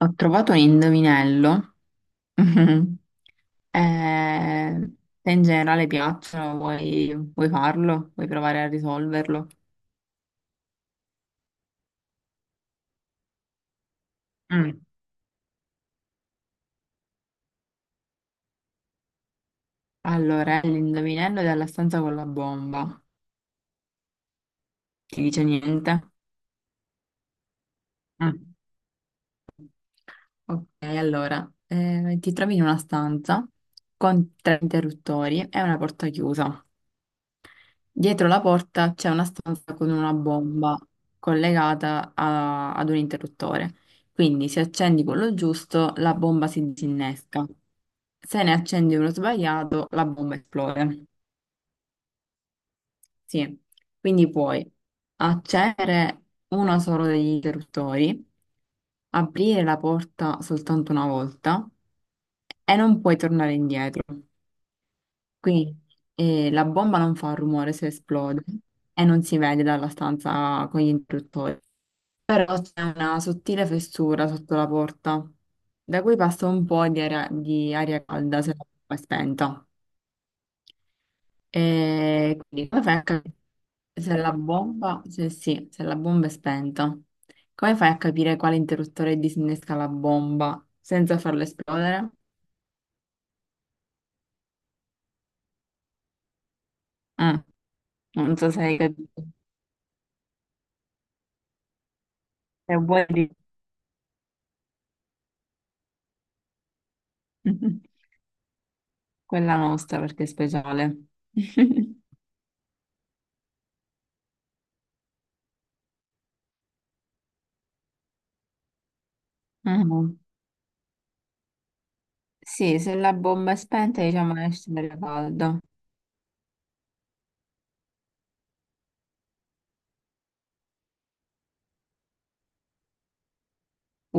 Ho trovato un indovinello. Eh, te in generale piacciono, vuoi farlo? Vuoi provare a risolverlo? Mm. Allora, è l'indovinello della stanza con la bomba. Ti dice niente? Mm. Ok, allora, ti trovi in una stanza con tre interruttori e una porta chiusa. Dietro la porta c'è una stanza con una bomba collegata ad un interruttore. Quindi se accendi quello giusto, la bomba si disinnesca. Se ne accendi uno sbagliato, la bomba esplode. Sì. Quindi puoi accendere uno solo degli interruttori, aprire la porta soltanto una volta e non puoi tornare indietro. Quindi la bomba non fa rumore se esplode e non si vede dalla stanza con gli interruttori. Però c'è una sottile fessura sotto la porta, da cui passa un po' di aria calda se la bomba è spenta. E quindi come fai a capire se la bomba, se sì, se la bomba è spenta, come fai a capire quale interruttore disinnesca la bomba senza farla esplodere? Eh, non so se hai capito. Se vuoi di quella nostra perché è speciale. Mhm. Sì, se la bomba è spenta, diciamo esce l'aria calda.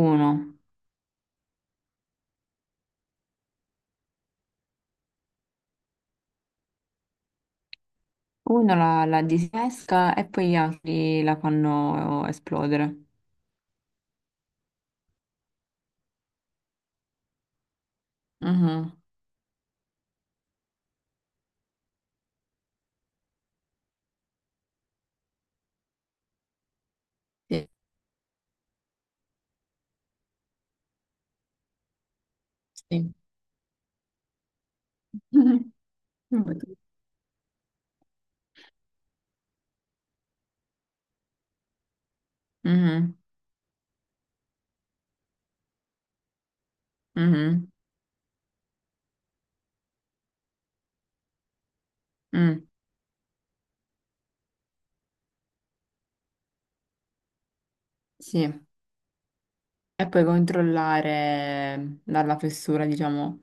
Uno. Uno la disesca e poi gli altri la fanno esplodere. Mhm, sì, sì. Mhm, mhm, mhm, mm, sì. E poi controllare dalla fessura, diciamo,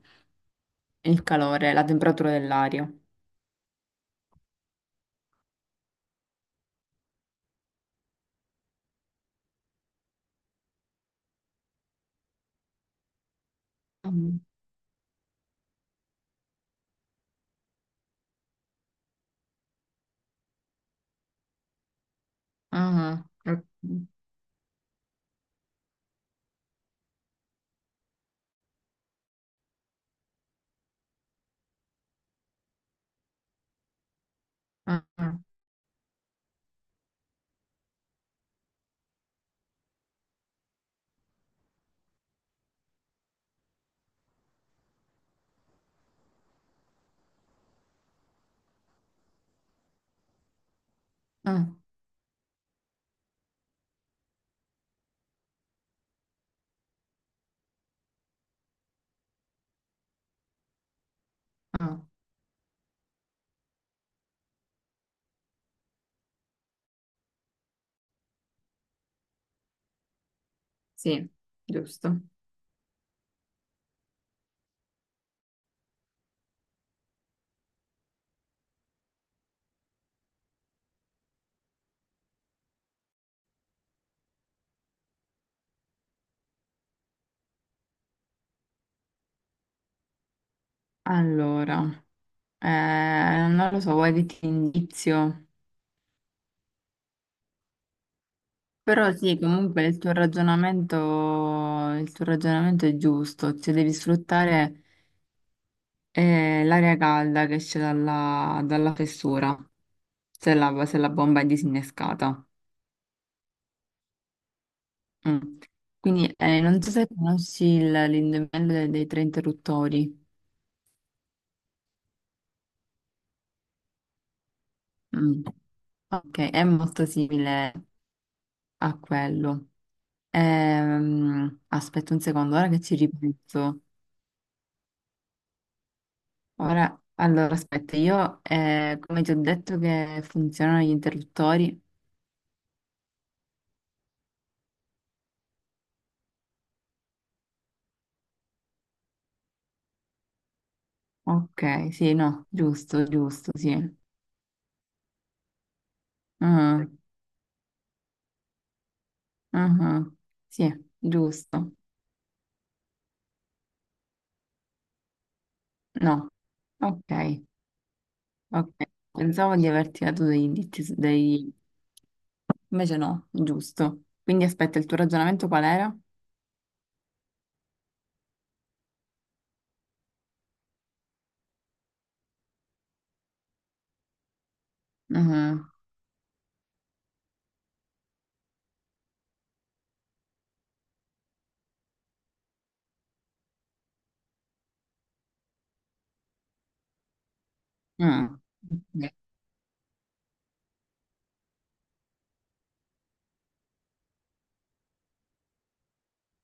il calore, la temperatura dell'aria. Mhm, mhm, mhm, mhm, mhm, mhm. Sì, giusto. Allora, eh, non lo so, vuoi dirti indizio? Però sì, comunque il tuo ragionamento è giusto, cioè devi sfruttare l'aria calda che esce dalla fessura, se la bomba è disinnescata. Mm. Quindi non so se conosci l'indovinello dei tre interruttori. Mm. Ok, è molto simile a quello. Aspetta un secondo, ora che ci ripenso. Ora, allora aspetta, io come ti ho detto che funzionano gli interruttori? Ok, sì, no, giusto, giusto, sì. Mhm, mhm, sì, giusto. No, ok, ok. Pensavo di averti dato dei indizi, dei... invece no, giusto. Quindi aspetta, il tuo ragionamento qual era? Mhm, mm,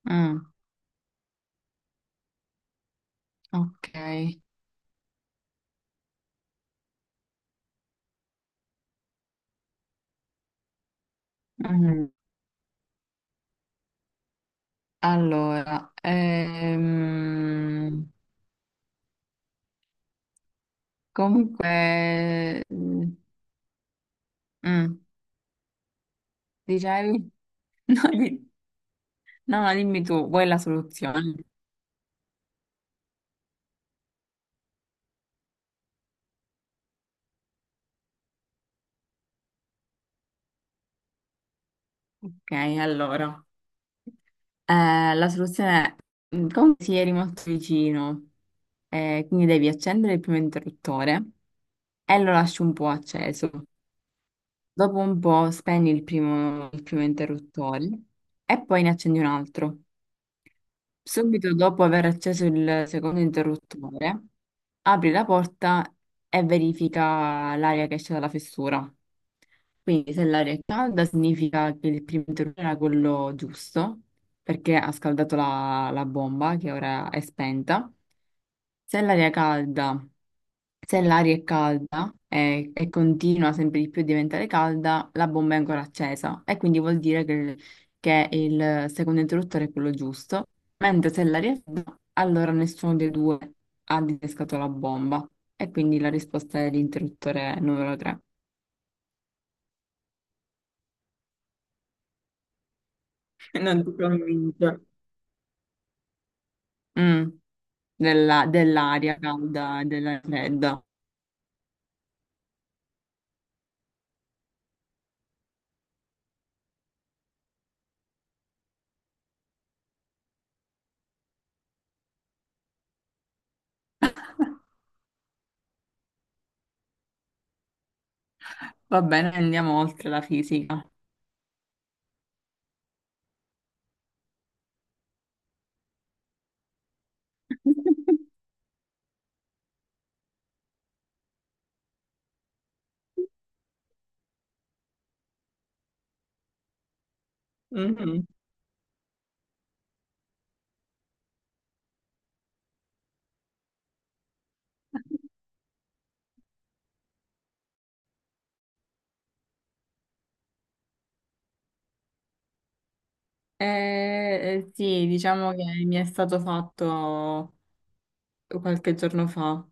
ok. Mm, ok. Mhm. Allora, comunque, mm, mm, dicevi? No, no, no, dimmi tu, vuoi la soluzione? Ok, allora. La soluzione è, mm, come si eri molto vicino, quindi devi accendere il primo interruttore e lo lasci un po' acceso. Dopo un po' spegni il primo interruttore e poi ne accendi un altro. Subito dopo aver acceso il secondo interruttore, apri la porta e verifica l'aria che esce dalla fessura. Quindi se l'aria è calda significa che il primo interruttore era quello giusto, perché ha scaldato la bomba che ora è spenta. Se l'aria è calda se l'aria è calda continua sempre di più a diventare calda, la bomba è ancora accesa e quindi vuol dire che il secondo interruttore è quello giusto, mentre se l'aria è fredda, allora nessuno dei due ha disescato la bomba e quindi la risposta è l'interruttore numero 3. Non ti convince. Mm, dell'aria calda e della fredda. Va bene, andiamo oltre la fisica. Mhm. Eh, eh, sì, diciamo che mi è stato fatto qualche giorno fa.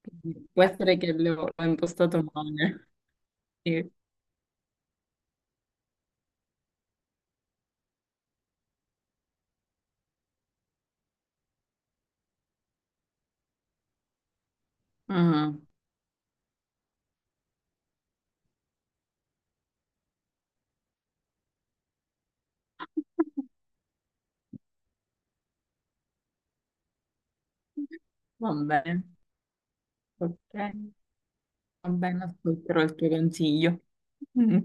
Quindi può essere che l'ho impostato male. Sì. Mhm. Va bene, ok. Va bene, ascolterò il tuo consiglio. Mm.